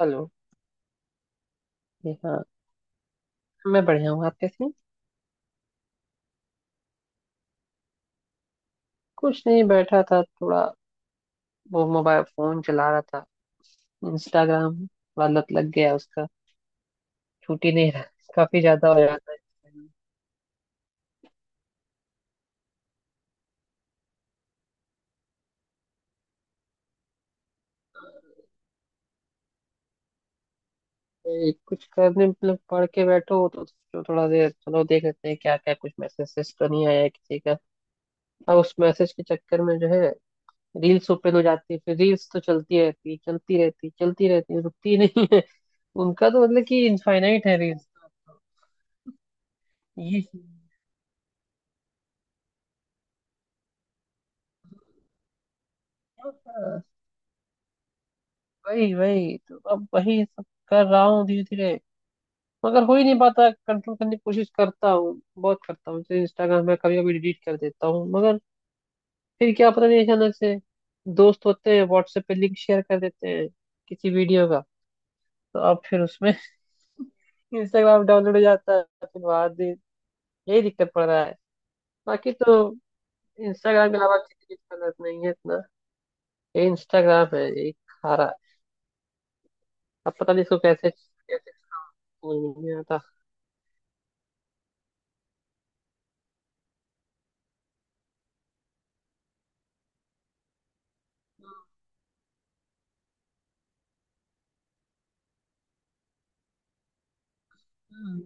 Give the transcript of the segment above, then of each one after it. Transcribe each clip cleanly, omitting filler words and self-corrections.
Hello. जी हाँ। मैं बढ़िया हूँ, आप कैसे हैं? कुछ नहीं, बैठा था थोड़ा। वो मोबाइल फोन चला रहा था। इंस्टाग्राम वाला लत लग गया उसका। छूट ही नहीं रहा। काफी ज्यादा हो जाता है। ये कुछ करने मतलब, पढ़ के बैठो तो थोड़ा देर चलो देख लेते हैं क्या क्या, कुछ मैसेज तो नहीं आया है किसी का। और उस मैसेज के चक्कर में जो है, रील्स ओपन हो जाती है। फिर रील्स तो चलती रहती है, चलती रहती है, चलती रहती है, रुकती नहीं है। उनका तो मतलब कि इनफाइनाइट है रील्स। ये वही वही तो अब वही सब कर रहा हूँ धीरे धीरे। मगर हो ही नहीं पाता, कंट्रोल करने की कोशिश करता हूँ, बहुत करता हूँ। जैसे इंस्टाग्राम में कभी कभी डिलीट कर देता हूँ, मगर फिर क्या पता नहीं, अचानक से दोस्त होते हैं, व्हाट्सएप पे लिंक शेयर कर देते हैं किसी वीडियो का। तो अब फिर उसमें इंस्टाग्राम डाउनलोड हो जाता है फिर बाद में। यही दिक्कत पड़ रहा है। बाकी तो इंस्टाग्राम के अलावा किसी चीज की जरूरत नहीं है इतना। ये इंस्टाग्राम है, यही खा रहा है। अब पता नहीं इसको कैसे कैसे समझ में नहीं आता। हम्म।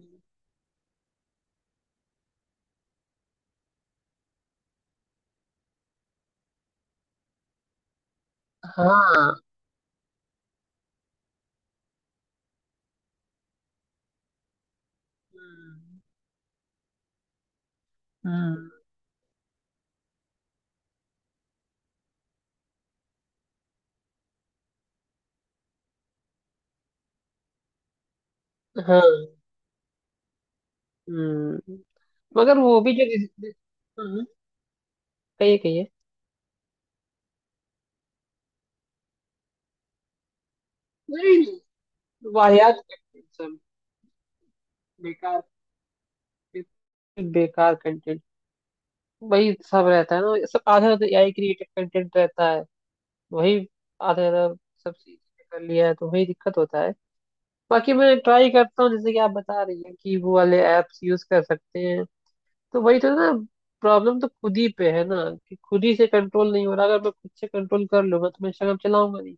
हाँ। हम्म। हम्म। हाँ। हम्म। मगर वो भी हम्म। कहिए कहिए। नहीं नहीं। वाहियात कंटेंट सब। बेकार। बेकार कंटेंट। वही सब रहता है ना, सब आधा तो एआई क्रिएटेड कंटेंट रहता है। वही आधा आधा सब चीज कर लिया है तो वही दिक्कत होता है। बाकी मैं ट्राई करता हूँ, जैसे कि आप बता रही हैं कि वो वाले एप्स यूज कर सकते हैं। तो वही तो ना, प्रॉब्लम तो खुद ही पे है ना। कि खुद ही से कंट्रोल नहीं हो रहा। अगर मैं खुद से कंट्रोल कर लूंगा तो मैं इंस्टाग्राम चलाऊंगा नहीं।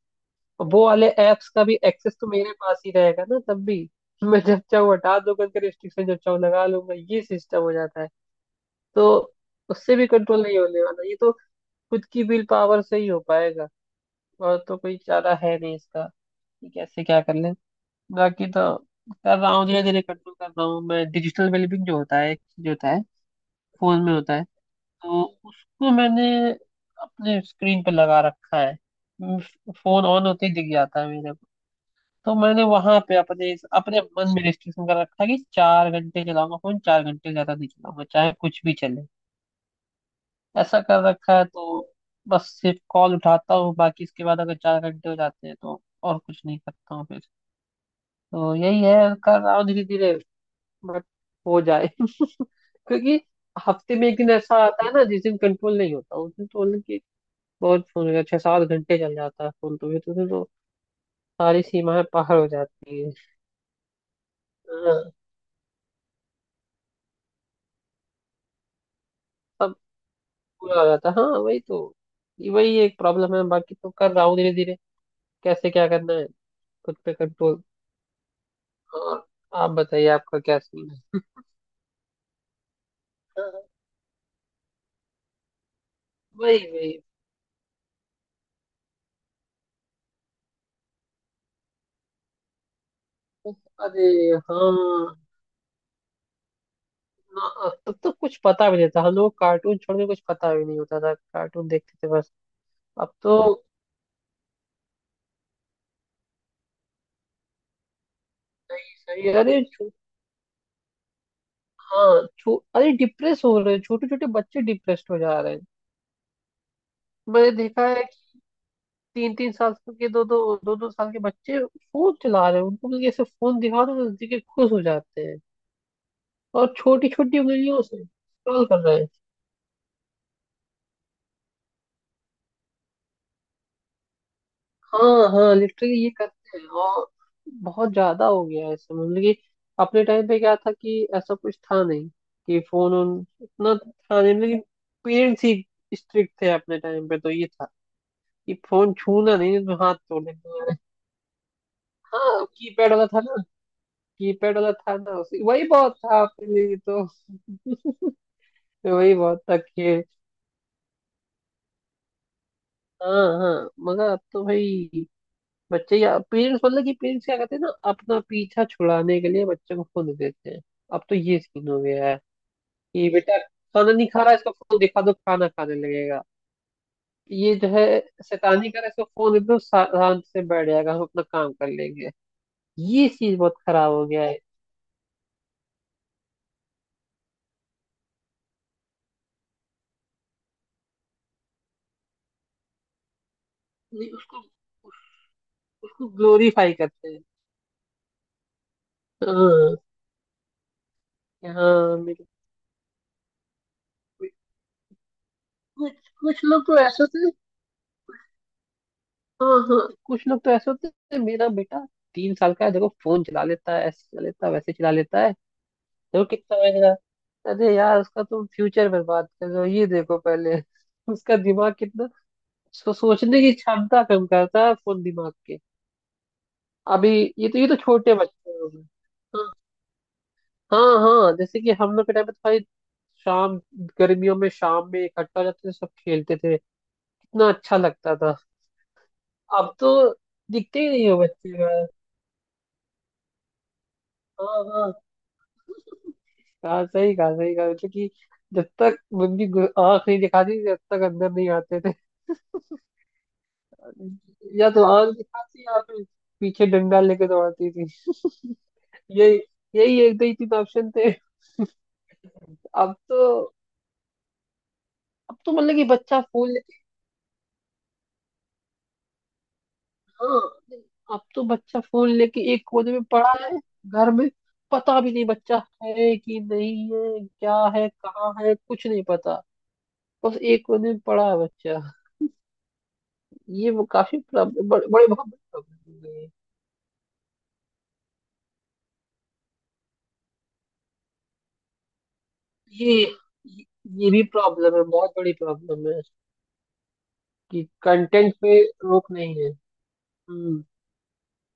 और वो वाले एप्स का भी एक्सेस तो मेरे पास ही रहेगा ना तब भी। मैं जब चाहूँ हटा दूंगा उनका रिस्ट्रिक्शन, जब चाहूँ लगा लूंगा, ये सिस्टम हो जाता है। तो उससे भी कंट्रोल नहीं होने वाला ये तो। खुद की विल पावर से ही हो पाएगा। और तो कोई चारा है नहीं इसका, कि कैसे क्या कर ले। बाकी तो कर रहा हूँ धीरे धीरे कंट्रोल कर रहा हूँ। मैं डिजिटल वेलबींग जो होता है एक चीज होता है, फोन में होता है। तो उसको मैंने अपने स्क्रीन पे लगा रखा है। फोन ऑन होते ही दिख जाता है मेरे को। तो मैंने वहां पे अपने अपने मन में रिस्ट्रिक्शन कर रखा है कि चार घंटे चलाऊंगा फोन, चार घंटे से ज्यादा नहीं चलाऊंगा, चाहे कुछ भी चले। ऐसा कर रखा है। तो बस सिर्फ कॉल उठाता हूँ, बाकी इसके बाद अगर चार घंटे हो जाते हैं तो और कुछ नहीं करता हूँ फिर। तो यही है। कर रहा हूँ धीरे धीरे, बट हो जाए क्योंकि हफ्ते में एक दिन ऐसा आता है ना जिस दिन कंट्रोल नहीं होता, उस दिन तो बहुत फोन हो गया, छह सात घंटे चल जाता है फोन, तो भी तो, फिर तो सारी सीमाएं पार हो जाती है। हाँ, सब पूरा हो जाता है। हाँ वही तो। वही एक प्रॉब्लम है, बाकी तो कर रहा हूँ धीरे धीरे। कैसे क्या करना है, खुद पे कंट्रोल। और आप बताइए आपका क्या सीन है। हाँ, वही वही। अरे। हाँ। ना, तब तो कुछ पता भी नहीं था, हम लोग कार्टून छोड़ के कुछ पता भी नहीं होता था, कार्टून देखते थे बस। अब तो सही सही है। अरे हाँ अरे डिप्रेस हो रहे हैं छोटे छोटे बच्चे, डिप्रेस्ड हो जा रहे हैं। मैंने देखा है कि तीन तीन साल के, दो दो साल के बच्चे फोन चला रहे हैं, उनको बल्कि ऐसे फोन दिखा दो तो देखे खुश हो जाते हैं। और छोटी छोटी उंगलियों से स्क्रॉल कर रहे हैं। हाँ हाँ, लिटरली ये करते हैं। और बहुत ज्यादा हो गया है ऐसे, मतलब कि अपने टाइम पे क्या था, कि ऐसा कुछ था नहीं, कि फोन उन इतना था नहीं, लेकिन पेरेंट्स ही स्ट्रिक्ट थे अपने टाइम पे, तो ये था कि फोन छूना नहीं, नहीं तो हाथ तोड़ देंगे। हाँ, कीपैड वाला था ना। कीपैड वाला था ना, उसी, वही बहुत था आपके लिए तो। वही बहुत था कि। हाँ हाँ, मगर अब तो भाई, बच्चे या पेरेंट्स, मतलब कि पेरेंट्स क्या करते हैं ना, अपना पीछा छुड़ाने के लिए बच्चे को फोन दे देते हैं। अब तो ये सीन हो गया है कि बेटा खाना नहीं खा रहा, इसको फोन दिखा दो, खाना खाने लगेगा। ये जो है शैतानी कर रहा है, इसको फोन दे दो, आराम से बैठ जाएगा, हम अपना काम कर लेंगे। ये चीज बहुत खराब हो गया है। नहीं, उसको उसको ग्लोरीफाई करते हैं। हाँ, कि हाँ मेरे, कुछ कुछ लोग तो ऐसे होते हैं। हाँ हाँ, कुछ लोग तो ऐसे होते हैं। मेरा बेटा तीन साल का है, देखो फोन चला लेता है, ऐसे चला लेता है, वैसे चला लेता है। देखो कितना महंगा। अरे यार, उसका तुम फ्यूचर बर्बाद कर रहे हो, ये देखो पहले उसका दिमाग कितना, उसको सोचने की क्षमता कम करता है फोन, दिमाग के। अभी ये तो छोटे बच्चे हो गए। हाँ हाँ, हाँ, जैसे कि हम लोग के टाइम पे तो भाई, शाम, गर्मियों में शाम में इकट्ठा हो जाते थे सब, खेलते थे। कितना अच्छा लगता था। अब तो दिखते ही नहीं हो बच्चे यार। हाँ हाँ, हाँ सही कहा सही कहा, मतलब कि जब तक मम्मी आँख नहीं दिखाती, जब तक अंदर नहीं आते थे। या तो आँख दिखाती, या फिर पीछे डंडा लेके दौड़ती थी। यही, यही एक दो ही तीन ऑप्शन थे। अब तो अब तो मतलब कि बच्चा फोन लेके। हाँ। अब तो बच्चा फोन लेके एक कोने में पड़ा है घर में। पता भी नहीं बच्चा है कि नहीं है, क्या है, कहाँ है, कुछ नहीं पता। बस एक दो दिन पढ़ा है बच्चा। ये वो काफी प्रॉब्लम, बड़े बड़े, बहुत बड़ी प्रॉब्लम है। ये ये ये ये भी प्रॉब्लम है, बहुत बड़ी प्रॉब्लम है। कि कंटेंट पे रोक नहीं है। हम्म।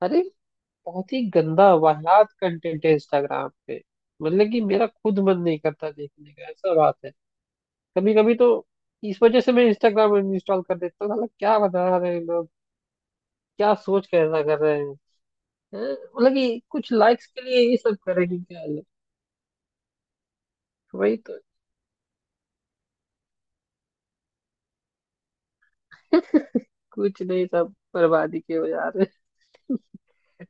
अरे, बहुत ही गंदा वाहियात कंटेंट है इंस्टाग्राम पे। मतलब कि मेरा खुद मन नहीं करता देखने का, ऐसा बात है। कभी कभी तो इस वजह से मैं इंस्टाग्राम इंस्टॉल कर देता हूँ, साला क्या बता रहे हैं लोग, क्या सोच कर ऐसा कर रहे हैं। हैं? मतलब कि कुछ लाइक्स के लिए ये सब करेंगे क्या लोग? वही तो, कुछ नहीं, सब बर्बादी के हो जा रहे।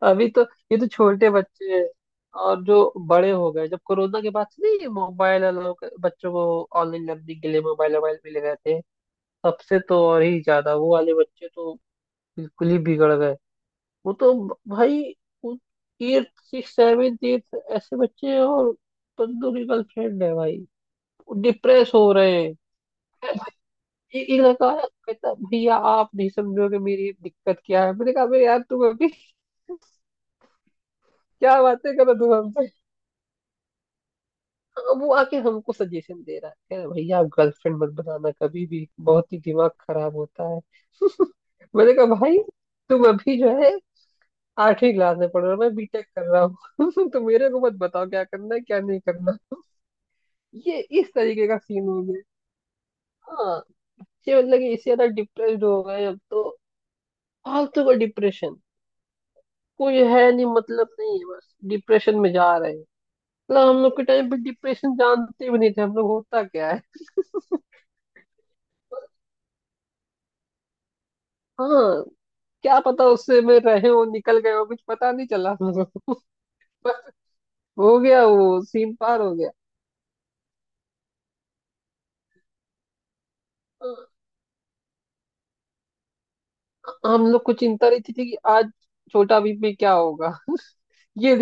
अभी तो ये तो छोटे बच्चे हैं, और जो बड़े हो गए, जब कोरोना के बाद से, नहीं, मोबाइल अलाउ बच्चों को ऑनलाइन लर्निंग के लिए मोबाइल मोबाइल मिले गए थे सबसे, तो और ही ज्यादा वो वाले बच्चे तो बिल्कुल ही बिगड़ गए। वो तो भाई एट सिक्स सेवन एट, ऐसे बच्चे हैं, और बंदों की गर्लफ्रेंड है भाई, डिप्रेस हो रहे हैं। एक लड़का आया, कहता, भैया आप नहीं समझोगे मेरी दिक्कत क्या है। मैंने कहा, "अबे यार तुम अभी क्या बातें कर रहे हो तुम हमसे"। अब वो आके हमको सजेशन दे रहा है, कह रहा है, भैया आप गर्लफ्रेंड मत बनाना कभी भी, बहुत ही दिमाग खराब होता है। मैंने कहा, भाई तुम अभी जो है आठवीं क्लास में पढ़ रहे हो, मैं बीटेक कर रहा हूँ तो मेरे को मत बताओ क्या करना है क्या नहीं करना ये इस तरीके का सीन हो गया। हाँ, बच्चे मतलब कि इससे ज्यादा डिप्रेस्ड हो गए अब तो। फालतू का डिप्रेशन, कोई है नहीं मतलब, नहीं है, बस डिप्रेशन में जा रहे हैं। मतलब हम लोग के टाइम पे डिप्रेशन जानते भी नहीं थे हम लोग, होता क्या है। हाँ, क्या पता, उससे में रहे हो निकल गए हो, कुछ पता नहीं चला हम लोगों को। बस हो गया, वो सीन पार हो गया। अ- हम लोग को चिंता रहती थी कि आज छोटा बीपी क्या होगा। ये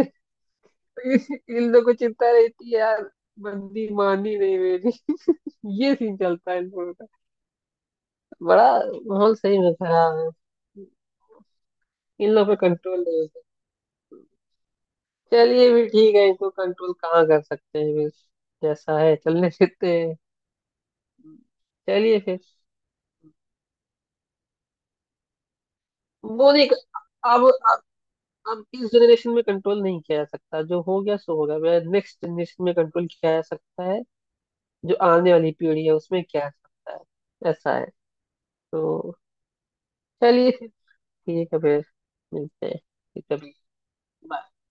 इन लोग को चिंता रहती है यार, बंदी मानी नहीं मेरी। ये सीन चलता है इन लोगों का बड़ा। माहौल सही में खराब है। इन लोगों पे कंट्रोल नहीं। चलिए, भी ठीक है, इसको कंट्रोल कहाँ कर सकते हैं, बस जैसा है चलने देते हैं। चलिए फिर। वो नहीं, अब अब अब इस जनरेशन में कंट्रोल नहीं किया जा सकता, जो हो गया सो हो गया, नेक्स्ट जनरेशन में कंट्रोल किया जा सकता है। जो आने वाली पीढ़ी है उसमें किया जा सकता है, ऐसा है। तो चलिए फिर, ठीक है फिर, मिलते हैं फिर कभी। Bye.